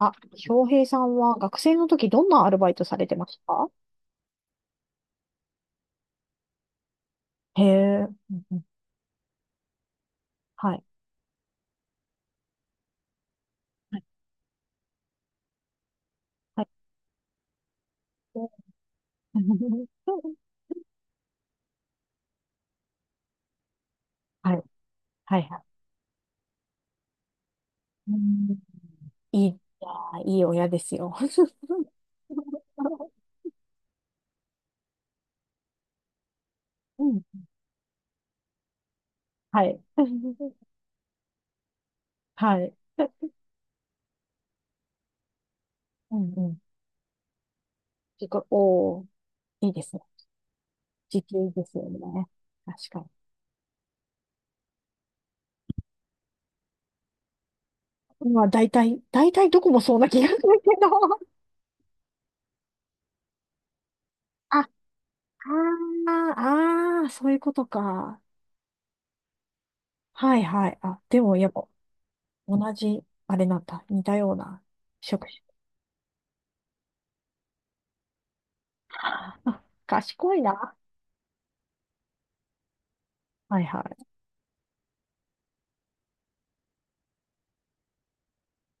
あ、翔平さんは学生の時どんなアルバイトされてましたか？へえ、うんうん。はい。はいはい。はい。はいはい。うん、いい、いやー、いい親ですよ。うん。はい。はい。うんうん。自己、おー、いいですね。時給ですよね。確かに。まあ、大体、大体どこもそうな気がするけど。あ、あーあー、そういうことか。はいはい。あ、でもやっぱ同じ、あれなんだ。似たような職種。あ、賢いな。はいはい。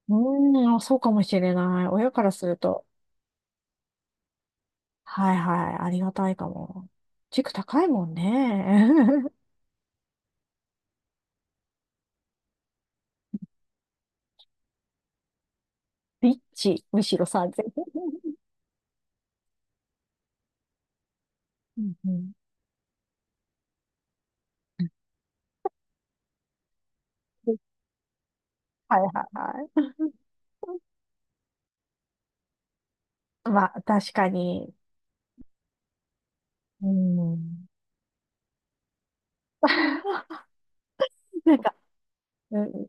うーん、あ、そうかもしれない。親からすると。はいはい。ありがたいかも。塾高いもんね。リッチ。むしろ3000。うんうん。はいはいはい。まあ、確かに。うん。なんか、うん、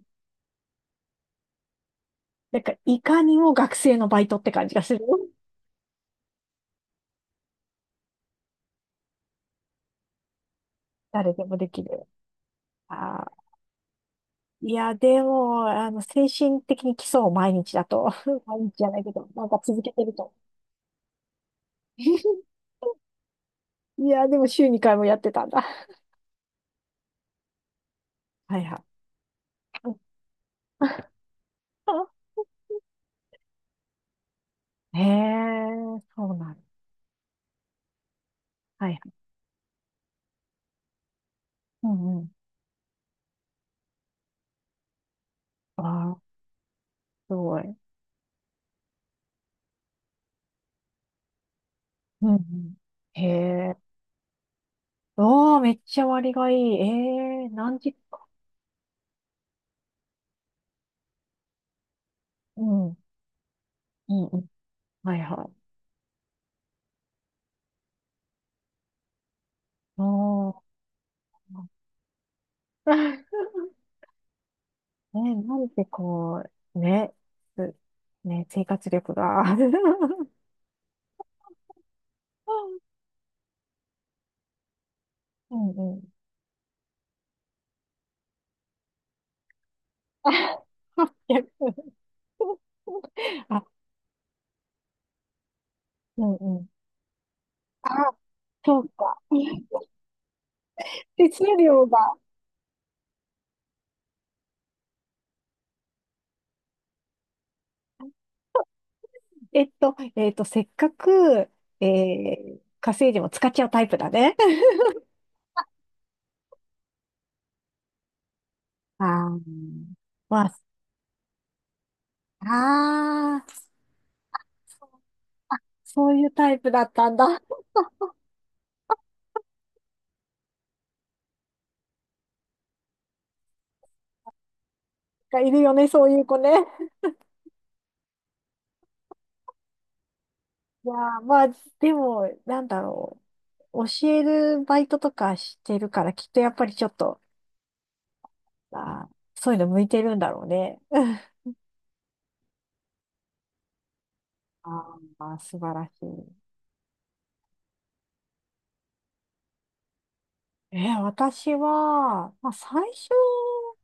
なんか、いかにも学生のバイトって感じがする。誰でもできる。あー、いや、でも、精神的に基礎を毎日だと。毎日じゃないけど、なんか続けてると。いや、でも週2回もやってたんだ。はいはい。へえ、そうなんだ。はいはい。うんうん。ああ、すごい。うんうん。へえ。おー、めっちゃ割がいい。ええ、何時か。うんうんうん。はいはい。おー。ね、なんでこう、ね、すね、生活力が。うんうん。あ、逆。あ、うんうん。あ、そうか。手数料が。せっかく、稼いでも使っちゃうタイプだね。ああ、まあ、ああ、そう、そういうタイプだったんだ。がいるよね、そういう子ね。いやー、まあ、でも、なんだろう。教えるバイトとかしてるから、きっとやっぱりちょっと、あー、そういうの向いてるんだろうね。ああ、素晴らしい。えー、私は、まあ、最初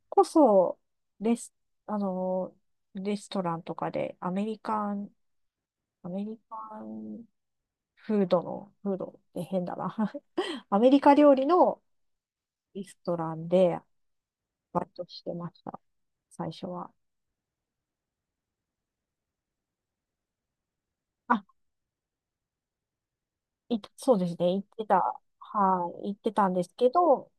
こそ、レス、あの、レストランとかで、アメリカン、アメリカンフードの、フードって変だな。アメリカ料理のレストランでバイトしてました。最初は。あ、い、そうですね。行ってた。はい、行ってたんですけど、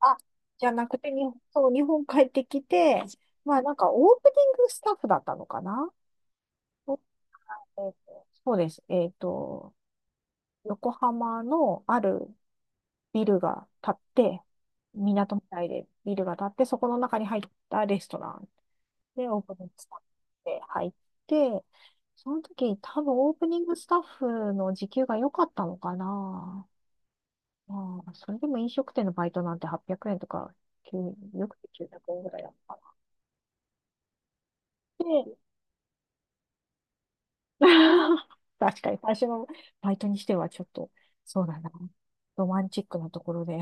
あ、じゃなくて、日本、そう、日本帰ってきて、まあなんかオープニングスタッフだったのかな。そうです。そうです横浜のあるビルが建って、港みたいでビルが建って、そこの中に入ったレストランでオープニングスタッフで入って、その時多分オープニングスタッフの時給が良かったのかな。まあ、それでも飲食店のバイトなんて800円とか、9、よくて900円ぐらいだったかな。確かに、最初のバイトにしてはちょっと、そうだな。ロマンチックなところで。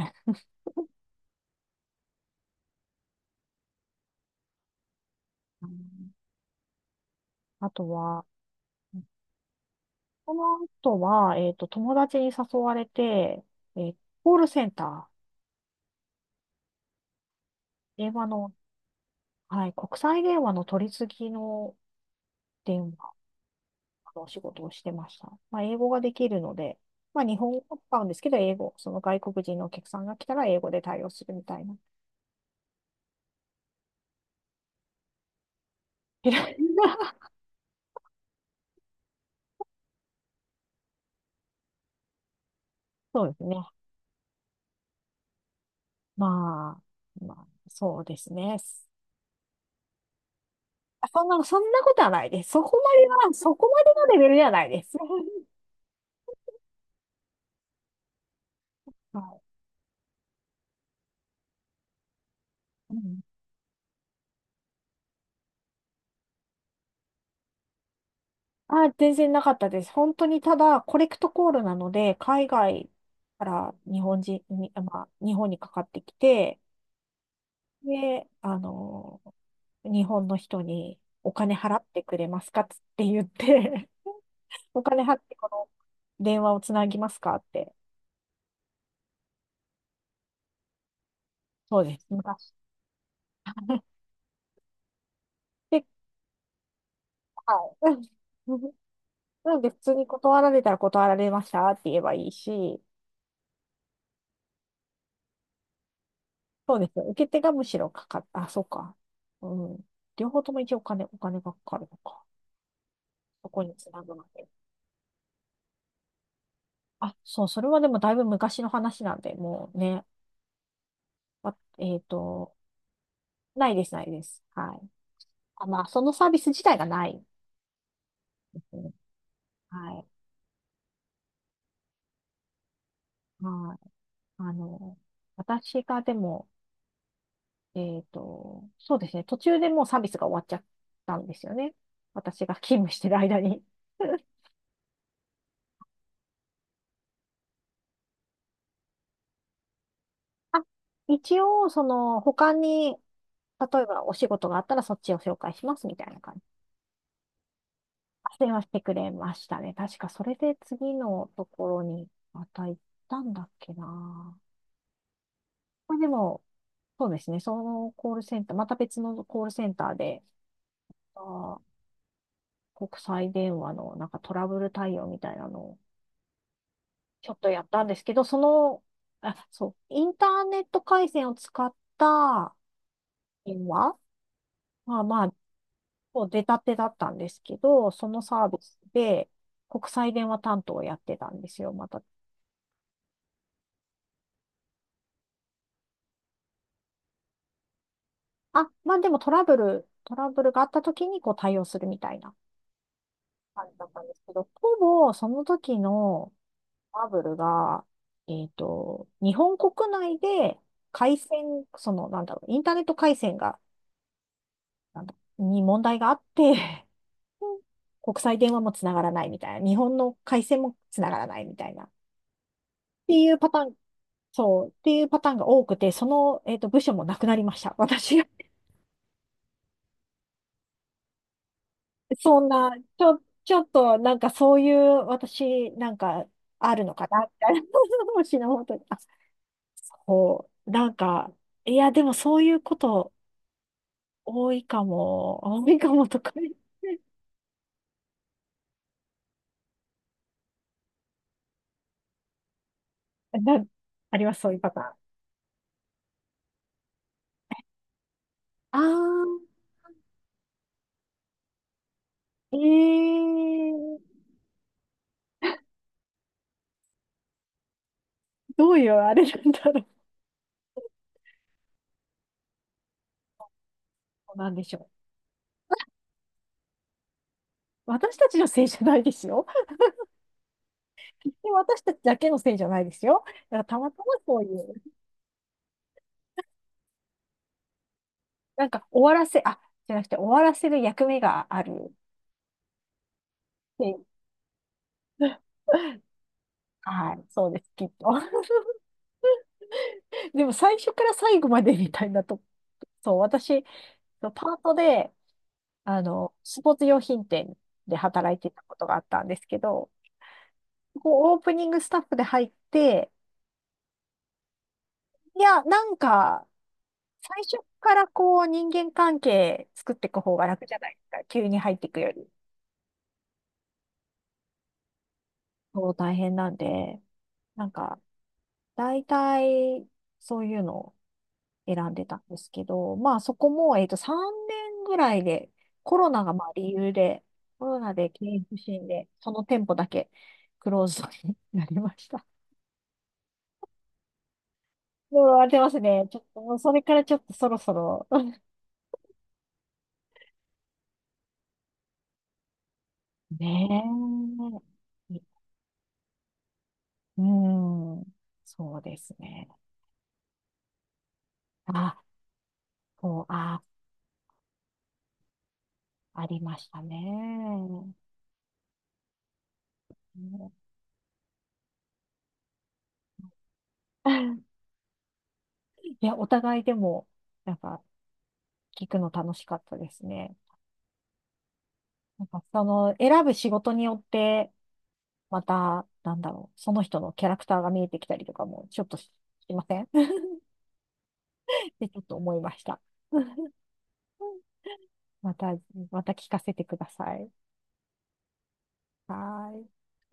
うん、あとは、この後は、友達に誘われて、えー、コールセンター、電話の、はい、国際電話の取り次ぎの電話のお仕事をしてました。まあ、英語ができるので、まあ、日本語を使うんですけど、英語、その外国人のお客さんが来たら英語で対応するみたいな。そうですね。まあ、まあ、そうですね。あ、そんな、そんなことはないです。そこまでは、そこまでのレベルではないです。はい。うん、あ、全然なかったです。本当にただ、コレクトコールなので、海外から日本人に、まあ、日本にかかってきて、で、日本の人にお金払ってくれますかつって言って、お金払ってこの電話をつなぎますかって。そうです。昔。で、はい。なので、普通に断られたら断られましたって言えばいいし、そうです。受け手がむしろかかっ、あ、そうか。うん。両方とも一応お金、お金がかかるのか。そこにつなぐまで。あ、そう、それはでもだいぶ昔の話なんで、もうね、あ、ないです、ないです。はい。あ、まあ、そのサービス自体がないですね。はい。はい。あの、私がでも、そうですね、途中でもうサービスが終わっちゃったんですよね。私が勤務してる間に。あ、一応、その、他に、例えばお仕事があったらそっちを紹介しますみたいな感じ。斡旋はしてくれましたね。確かそれで次のところにまた行ったんだっけな。これでも、そうですね。そのコールセンター、また別のコールセンターで、あー、国際電話のなんかトラブル対応みたいなのをちょっとやったんですけど、その、あ、そう、インターネット回線を使った電話、まあまあこう出たてだったんですけど、そのサービスで国際電話担当をやってたんですよ、また。あ、まあでもトラブル、トラブルがあった時にこう対応するみたいな感じだったんですけど、ほぼその時のトラブルが、日本国内で回線、その、なんだろう、インターネット回線が、なんだ、に問題があって、国際電話もつながらないみたいな、日本の回線もつながらないみたいな、っていうパターン、そう、っていうパターンが多くて、その、部署もなくなりました。私が、そんな、ちょ、ちょっと、なんかそういう、私、なんか、あるのかな、みたいな。私の本当に、あ、こう、なんか、いや、でもそういうこと多いかも、多いかもとか、な、あります、そういうパターン。あー、えー、どういうあれなんだろう。そうなんでしょう。私たちのせいじゃないですよ。で私たちだけのせいじゃないですよ。だからたまたまそういう、なんか終わらせ、あ、じゃなくて終わらせる役目があるっていう。はい、そうです、きっと。でも最初から最後までみたいなと、そう、私、パートで、スポーツ用品店で働いてたことがあったんですけど、こう、オープニングスタッフで入って、いや、なんか、最初からこう、人間関係作っていく方が楽じゃないですか。急に入っていくより。そう、大変なんで、なんか、大体、そういうの、選んでたんですけど、まあそこも、3年ぐらいで、コロナがまあ理由で、コロナで経営不振で、その店舗だけクローズドになりました。もう荒れてますね。ちょっと、もうそれからちょっとそろそろ。ねえ。うん。そうですね。あ、そう、あ、ありましたね。ね。 いや、お互いでも、なんか、聞くの楽しかったですね。なんか、その、選ぶ仕事によって、また、なんだろう、その人のキャラクターが見えてきたりとかも、ちょっとし、しません。 で、ちょっと思いました。また、また聞かせてください。はーい。